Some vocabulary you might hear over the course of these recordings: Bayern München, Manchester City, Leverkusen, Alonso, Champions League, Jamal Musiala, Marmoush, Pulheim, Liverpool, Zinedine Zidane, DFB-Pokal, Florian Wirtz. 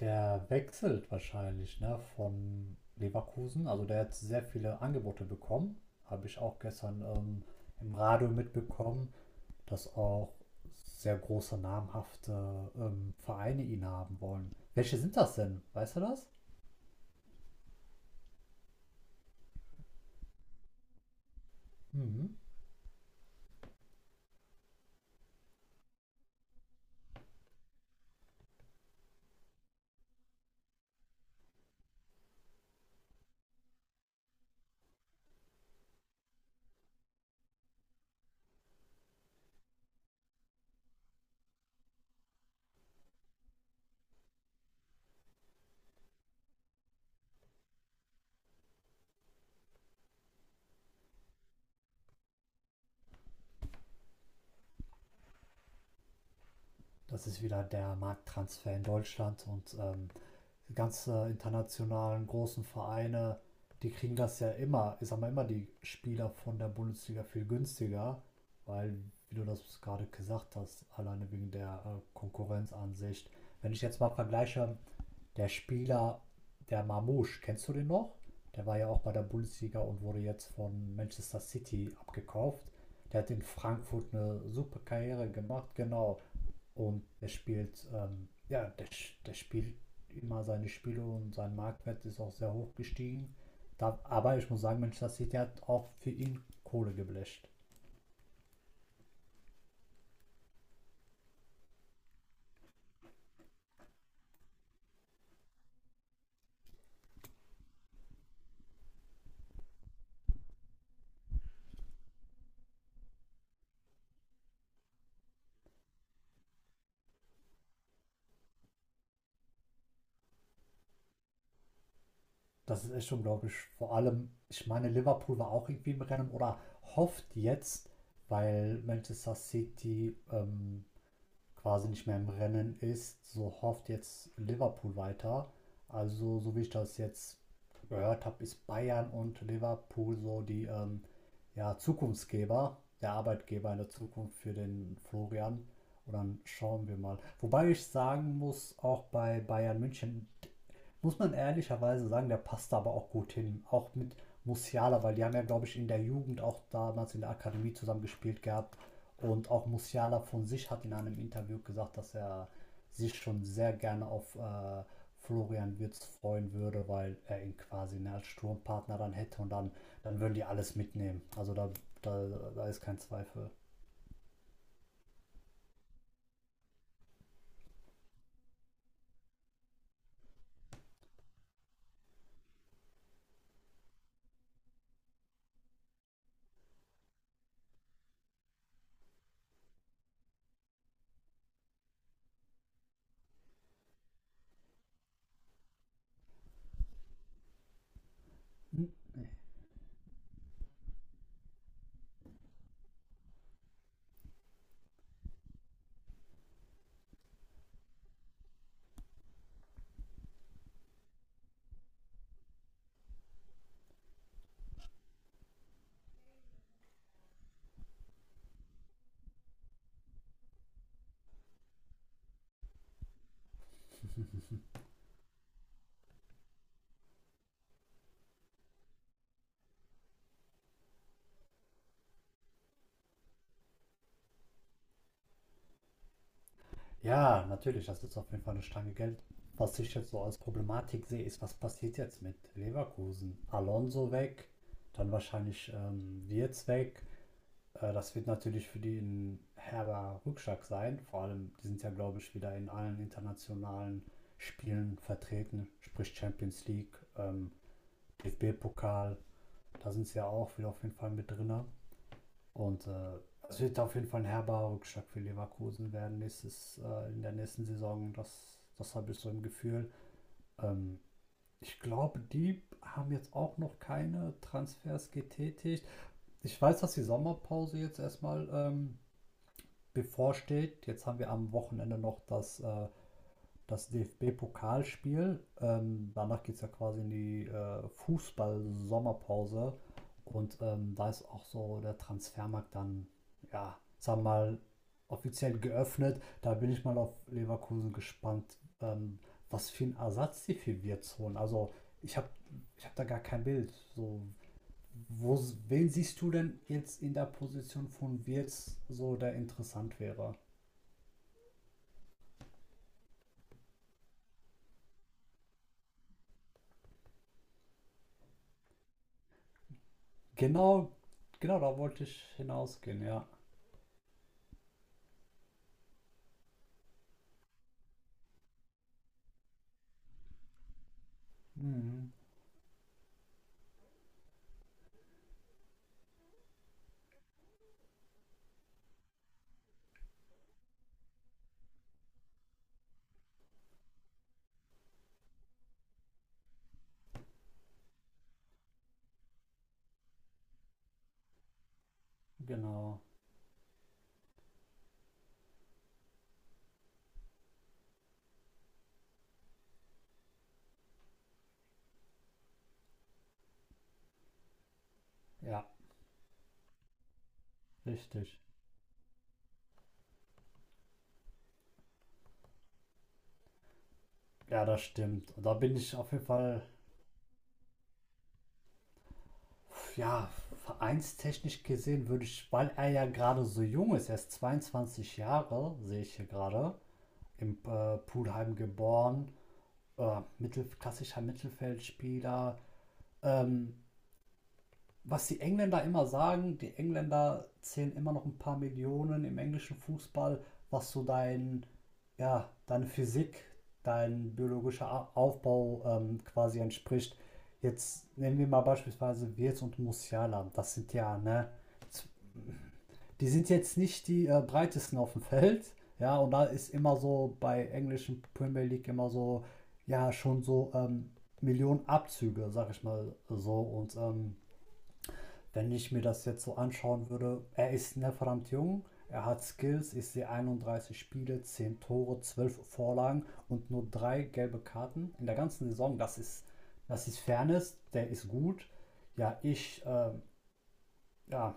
Der wechselt wahrscheinlich, ne, von Leverkusen. Also der hat sehr viele Angebote bekommen. Habe ich auch gestern im Radio mitbekommen, dass auch sehr große, namhafte Vereine ihn haben wollen. Welche sind das denn? Weißt du das? Mhm. Das ist wieder der Markttransfer in Deutschland und die ganzen internationalen großen Vereine, die kriegen das ja immer, ich sag mal immer die Spieler von der Bundesliga viel günstiger, weil, wie du das gerade gesagt hast, alleine wegen der Konkurrenzansicht. Wenn ich jetzt mal vergleiche, der Spieler, der Marmoush, kennst du den noch? Der war ja auch bei der Bundesliga und wurde jetzt von Manchester City abgekauft. Der hat in Frankfurt eine super Karriere gemacht, genau. Und der spielt, ja, der spielt immer seine Spiele und sein Marktwert ist auch sehr hoch gestiegen. Da, aber ich muss sagen, Manchester City hat auch für ihn Kohle geblecht. Das ist echt unglaublich. Vor allem, ich meine, Liverpool war auch irgendwie im Rennen oder hofft jetzt, weil Manchester City quasi nicht mehr im Rennen ist, so hofft jetzt Liverpool weiter. Also, so wie ich das jetzt gehört habe, ist Bayern und Liverpool so die ja, Zukunftsgeber, der Arbeitgeber in der Zukunft für den Florian. Und dann schauen wir mal. Wobei ich sagen muss, auch bei Bayern München muss man ehrlicherweise sagen, der passt da aber auch gut hin. Auch mit Musiala, weil die haben ja, glaube ich, in der Jugend auch damals in der Akademie zusammen gespielt gehabt. Und auch Musiala von sich hat in einem Interview gesagt, dass er sich schon sehr gerne auf Florian Wirtz freuen würde, weil er ihn quasi ne, als Sturmpartner dann hätte und dann würden die alles mitnehmen. Also da, da ist kein Zweifel. Ja, natürlich, das ist auf jeden Fall eine Stange Geld. Was ich jetzt so als Problematik sehe, ist, was passiert jetzt mit Leverkusen? Alonso weg, dann wahrscheinlich Wirtz weg, das wird natürlich für die ein herber Rückschlag sein. Vor allem, die sind ja, glaube ich, wieder in allen internationalen Spielen vertreten, sprich Champions League, DFB-Pokal. Da sind sie ja auch wieder auf jeden Fall mit drin. Und es wird auf jeden Fall ein herber Rückschlag für Leverkusen werden nächstes, in der nächsten Saison. Das habe ich so im Gefühl. Ähm, ich glaube, die haben jetzt auch noch keine Transfers getätigt. Ich weiß, dass die Sommerpause jetzt erstmal bevorsteht. Jetzt haben wir am Wochenende noch das DFB-Pokalspiel. Danach geht es ja quasi in die Fußball-Sommerpause. Und da ist auch so der Transfermarkt dann, ja, sagen wir mal, offiziell geöffnet. Da bin ich mal auf Leverkusen gespannt, was für einen Ersatz sie für Wirtz holen. Also ich habe ich hab da gar kein Bild. So, wo, wen siehst du denn jetzt in der Position von Wirtz so, der interessant wäre? Genau, genau, da wollte ich hinausgehen, ja. Mhm, genau, ja, richtig. Ja, das stimmt. Und da bin ich auf jeden Fall, ja, vereinstechnisch gesehen würde ich, weil er ja gerade so jung ist, er ist 22 Jahre, sehe ich hier gerade, im Pulheim geboren, klassischer Mittelfeldspieler, ähm, was die Engländer immer sagen, die Engländer zählen immer noch ein paar Millionen im englischen Fußball, was so dein, ja, deine Physik, dein biologischer Aufbau quasi entspricht. Jetzt nehmen wir mal beispielsweise Wirtz und Musiala. Das sind ja, ne, die sind jetzt nicht die breitesten auf dem Feld. Ja, und da ist immer so bei englischen Premier League immer so, ja, schon so Millionen Abzüge, sag ich mal so. Und wenn ich mir das jetzt so anschauen würde, er ist ne, verdammt jung, er hat Skills, ich sehe 31 Spiele, 10 Tore, 12 Vorlagen und nur drei gelbe Karten in der ganzen Saison. Das ist Fairness, der ist gut. Ja, ja,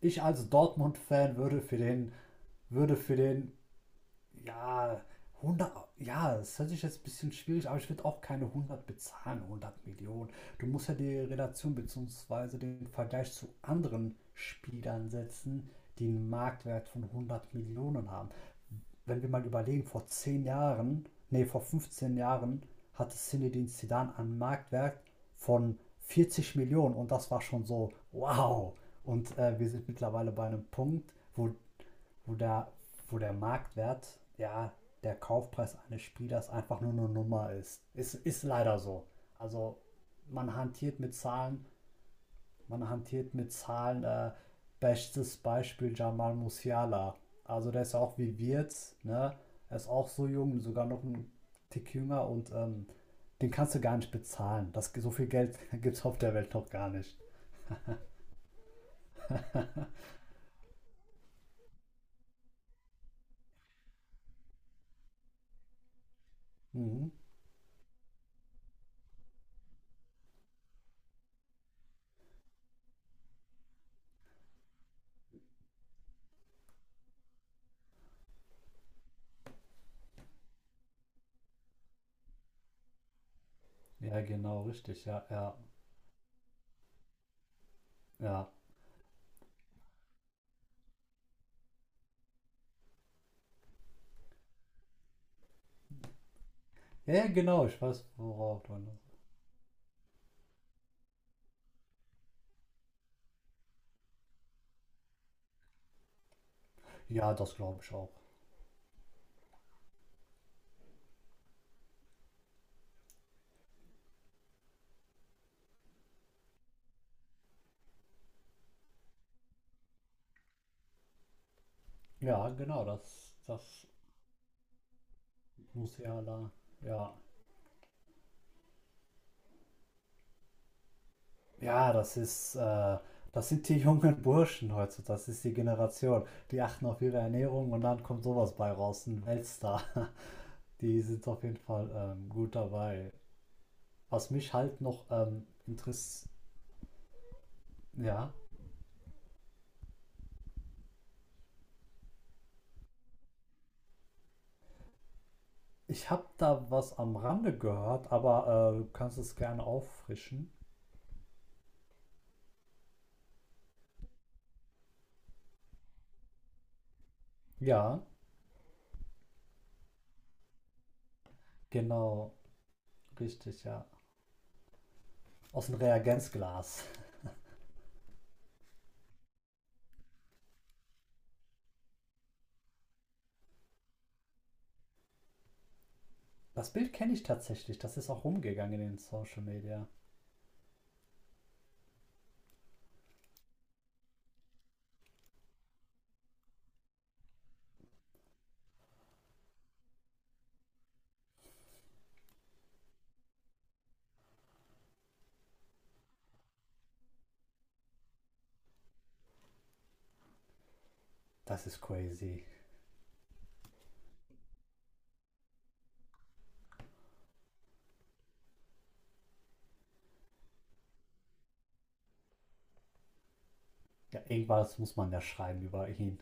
ich als Dortmund-Fan würde für den ja, 100. Ja, das hört sich jetzt ein bisschen schwierig, aber ich würde auch keine 100 bezahlen, 100 Millionen. Du musst ja die Relation bzw. den Vergleich zu anderen Spielern setzen, die einen Marktwert von 100 Millionen haben wenn wir mal überlegen, vor 10 Jahren, nee, vor 15 Jahren hatte Zinedine Zidane einen Marktwert von 40 Millionen und das war schon so, wow. Und wir sind mittlerweile bei einem Punkt, wo, wo, der, wo der Marktwert, ja, der Kaufpreis eines Spielers einfach nur eine Nummer ist. Ist leider so. Also man hantiert mit Zahlen, man hantiert mit Zahlen. Bestes Beispiel Jamal Musiala. Also der ist ja auch wie Wirtz, ne? Er ist auch so jung, sogar noch ein Tick jünger und den kannst du gar nicht bezahlen. Das, so viel Geld gibt es auf der Welt noch gar nicht. Mhm. Ja, genau, richtig. Ja, ja, ja. Ja, genau, ich weiß, worauf du. Ja, das glaube ich auch. Ja, genau, das Musiala. Ja, ja, das sind die jungen Burschen heutzutage, das ist die Generation. Die achten auf ihre Ernährung und dann kommt sowas bei raus, ein Weltstar. Die sind auf jeden Fall gut dabei. Was mich halt noch interessiert, ja, ich habe da was am Rande gehört, aber du kannst es gerne auffrischen. Ja, genau, richtig, ja. Aus dem Reagenzglas. Das Bild kenne ich tatsächlich, das ist auch rumgegangen in den Social Media. Das ist crazy. Ja, irgendwas muss man ja schreiben über ihn.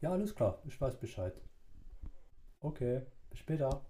Ja, alles klar, ich weiß Bescheid. Okay, bis später.